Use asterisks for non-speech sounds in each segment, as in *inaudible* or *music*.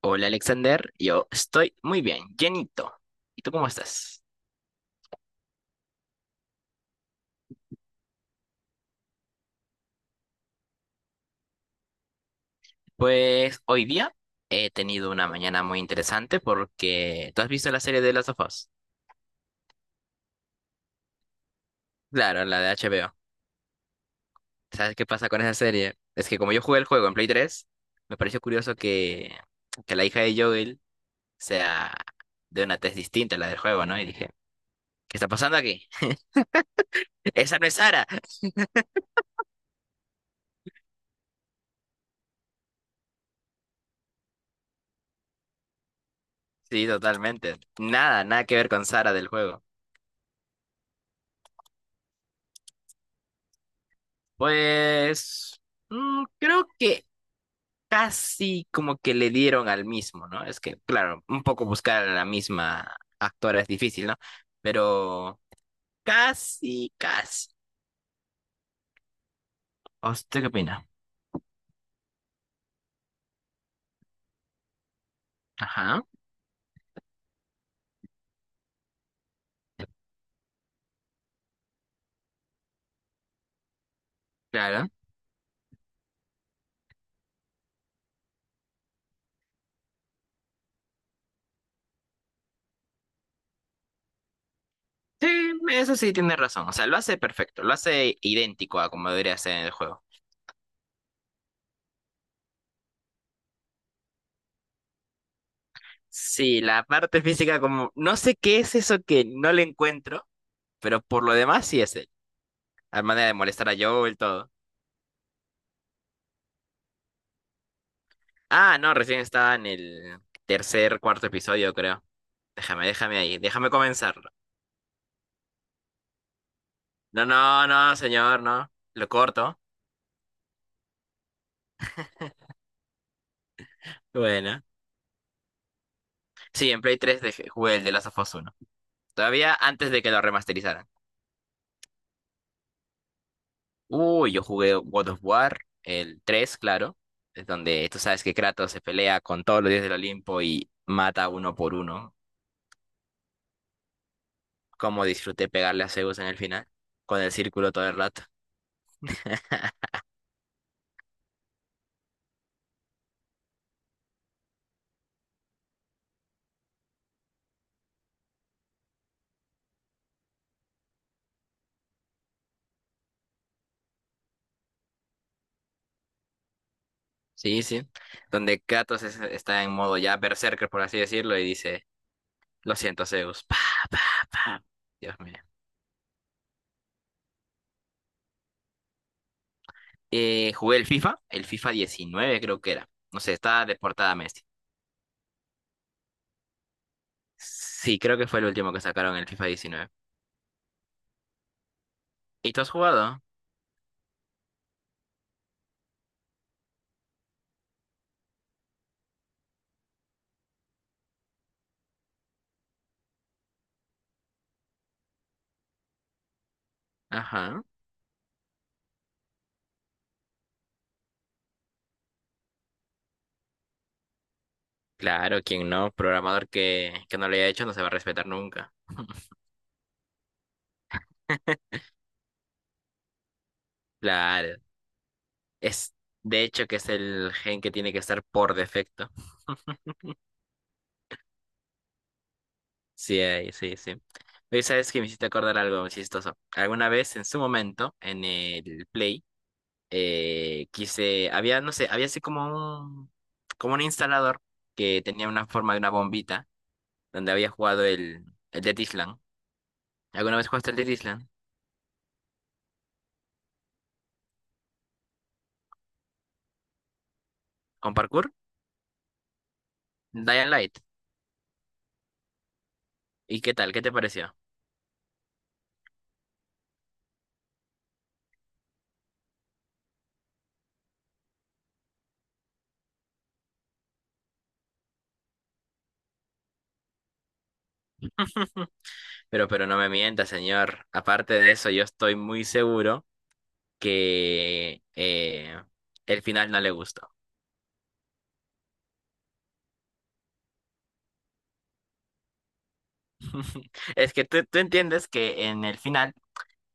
Hola Alexander, yo estoy muy bien, llenito. ¿Y tú cómo estás? Pues hoy día he tenido una mañana muy interesante porque, ¿tú has visto la serie de Last of Us? Claro, la de HBO. ¿Sabes qué pasa con esa serie? Es que como yo jugué el juego en Play 3, me pareció curioso que la hija de Joel sea de una tez distinta a la del juego, ¿no? Y dije, ¿qué está pasando aquí? *laughs* ¡Esa no es Sara! Sí, totalmente. Nada, nada que ver con Sara del juego. Pues. Creo que casi como que le dieron al mismo, ¿no? Es que, claro, un poco buscar a la misma actora es difícil, ¿no? Pero casi, casi. ¿Usted qué opina? Ajá, claro. Sí, eso sí tiene razón. O sea, lo hace perfecto, lo hace idéntico a como debería ser en el juego. Sí, la parte física como, no sé qué es eso que no le encuentro, pero por lo demás sí es él. La manera de molestar a Joel, todo. Ah, no, recién estaba en el tercer, cuarto episodio, creo. Déjame, déjame ahí, déjame comenzarlo. No, no, no, señor, no. Lo corto. Bueno. Sí, en Play 3 jugué el de Last of Us 1. Todavía antes de que lo remasterizaran. Uy, yo jugué God of War, el 3, claro. Es donde tú sabes que Kratos se pelea con todos los dioses del Olimpo y mata uno por uno. Cómo disfruté pegarle a Zeus en el final, con el círculo todo el rato. Sí, sí. Donde Kratos está en modo ya berserker, por así decirlo, y dice, lo siento, Zeus. Pa, pa, pa. Dios mío. Jugué el FIFA 19 creo que era. No sé, estaba de portada Messi. Sí, creo que fue el último que sacaron el FIFA 19. ¿Y tú has jugado? Ajá. Claro, quien no, programador que no lo haya hecho no se va a respetar nunca. *laughs* Claro. Es, de hecho, que es el gen que tiene que estar por defecto. Sí, ahí, sí, sí. Oye, ¿sabes que me hiciste acordar algo muy chistoso? Alguna vez, en su momento, en el Play, había, no sé, había así como un instalador que tenía una forma de una bombita donde había jugado el Dead Island. ¿Alguna vez jugaste el Dead Island? ¿Con parkour? Dying Light. ¿Y qué tal? ¿Qué te pareció? Pero no me mientas, señor. Aparte de eso, yo estoy muy seguro que, el final no le gustó. *laughs* Es que tú entiendes que en el final,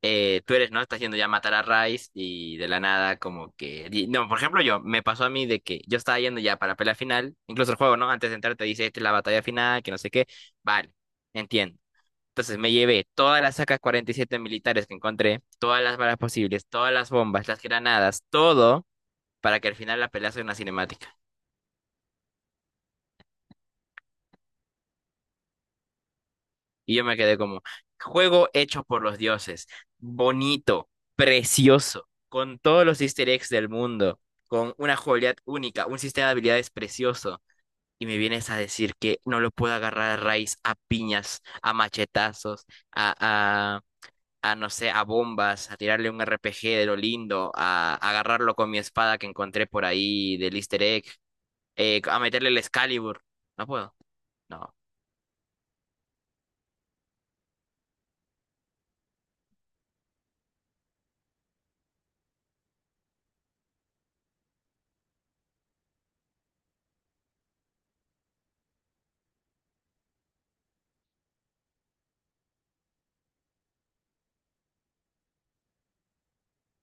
tú eres, ¿no? Estás yendo ya a matar a Rice y de la nada, como que no, por ejemplo, me pasó a mí de que yo estaba yendo ya para pelea final, incluso el juego, ¿no? Antes de entrar te dice, esta es la batalla final, que no sé qué. Vale, entiendo. Entonces me llevé todas las sacas 47 militares que encontré, todas las balas posibles, todas las bombas, las granadas, todo para que al final la pelea sea una cinemática. Y yo me quedé como, juego hecho por los dioses, bonito, precioso, con todos los easter eggs del mundo, con una jugabilidad única, un sistema de habilidades precioso. Y me vienes a decir que no lo puedo agarrar a raíz, a piñas, a machetazos, a, a, a no sé, a bombas, a tirarle un RPG de lo lindo, a agarrarlo con mi espada que encontré por ahí del easter egg, a meterle el Excalibur. No puedo. No.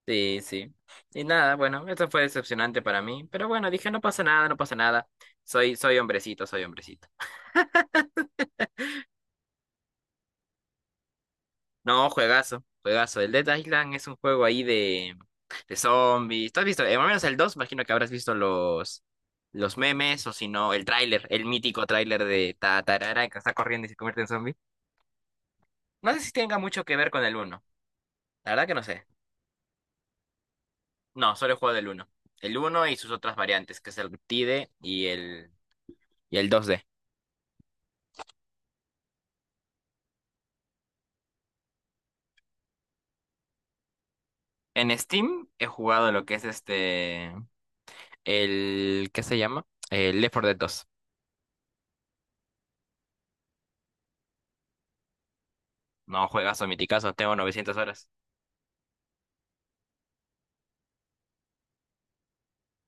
Sí, sí. Y nada, bueno, eso fue decepcionante para mí. Pero bueno, dije, no pasa nada, no pasa nada. Soy, soy hombrecito, soy hombrecito. No, juegazo, juegazo. El Dead Island es un juego ahí de zombies. ¿Tú has visto? Más o menos el dos, imagino que habrás visto los memes, o si no, el tráiler, el mítico tráiler de ta tarara que está corriendo y se convierte en zombie. No sé si tenga mucho que ver con el uno. La verdad que no sé. No, solo he jugado el 1. El uno y sus otras variantes, que es el T TIDE y el 2D. En Steam he jugado lo que es este, el, ¿qué se llama? El Left 4 Dead 2. No, juegazo, miticazo, tengo 900 horas.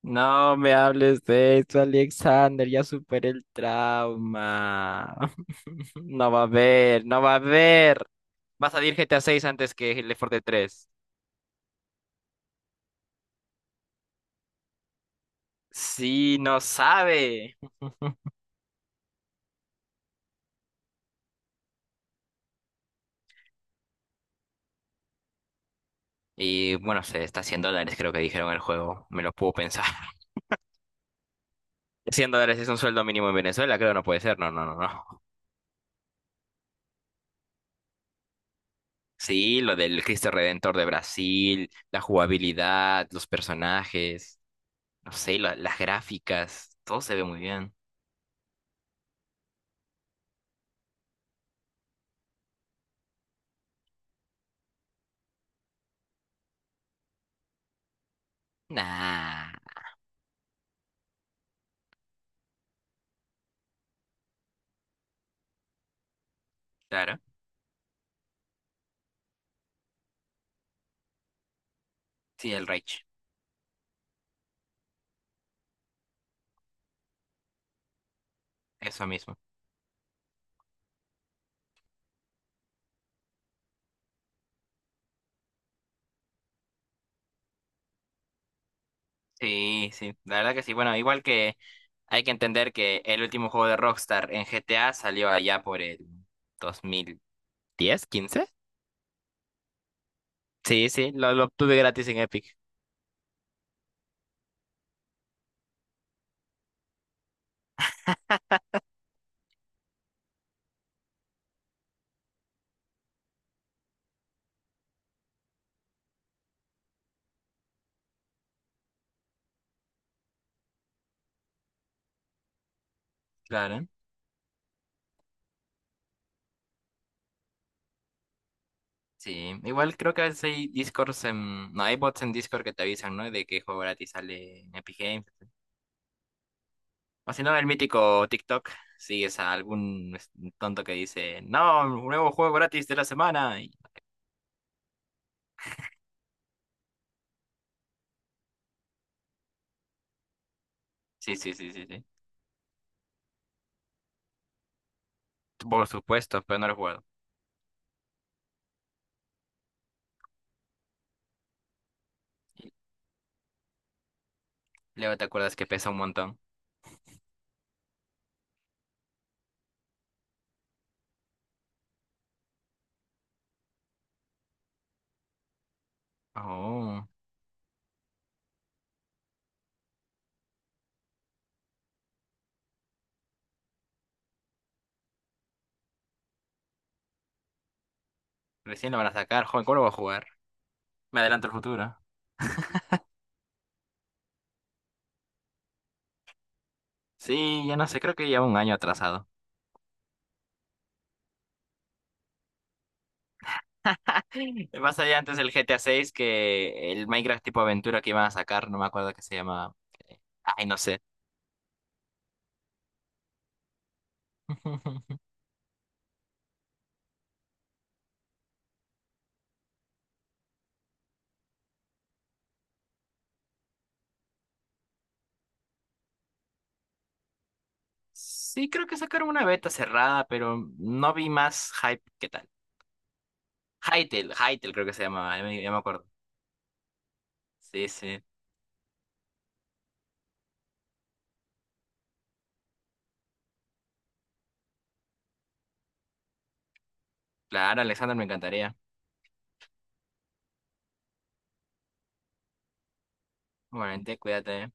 No me hables de esto, Alexander, ya superé el trauma. *laughs* No va a haber, no va a haber. Va a salir GTA 6 antes que el Left 4 Dead 3. Sí, no sabe. Y bueno, se está a dólares, creo que dijeron el juego. Me lo puedo pensar. *laughs* $100 es un sueldo mínimo en Venezuela, creo, no puede ser. No, no, no, no. Sí, lo del Cristo Redentor de Brasil, la jugabilidad, los personajes, no sé, las gráficas, todo se ve muy bien. Nah, claro. Sí, el Rage, eso mismo. Sí, sí, la verdad que sí. Bueno, igual que hay que entender que el último juego de Rockstar en GTA salió allá por el 2010, 15. Sí, sí, lo obtuve gratis en Epic. Claro. Sí, igual creo que a veces hay Discords en... No, hay bots en Discord que te avisan, ¿no? De qué juego gratis sale en Epic Games. O si no, el mítico TikTok, sigues a algún tonto que dice, no, un nuevo juego gratis de la semana. Sí, sí, sí, sí, sí. Por supuesto, pero no lo he jugado. Luego te acuerdas que pesa un montón. Oh, recién lo van a sacar, joven, ¿cómo lo voy a jugar? Me adelanto el futuro. Sí, ya no sé, creo que lleva un año atrasado. *laughs* Más allá antes del GTA 6 que el Minecraft tipo aventura que iban a sacar, no me acuerdo qué se llama. Ay, no sé. *laughs* Sí, creo que sacaron una beta cerrada, pero no vi más hype que tal. Hytale, Hytale creo que se llamaba, ya me acuerdo. Sí, sí. Claro, Alexander, me encantaría. Igualmente, cuídate. ¿Eh?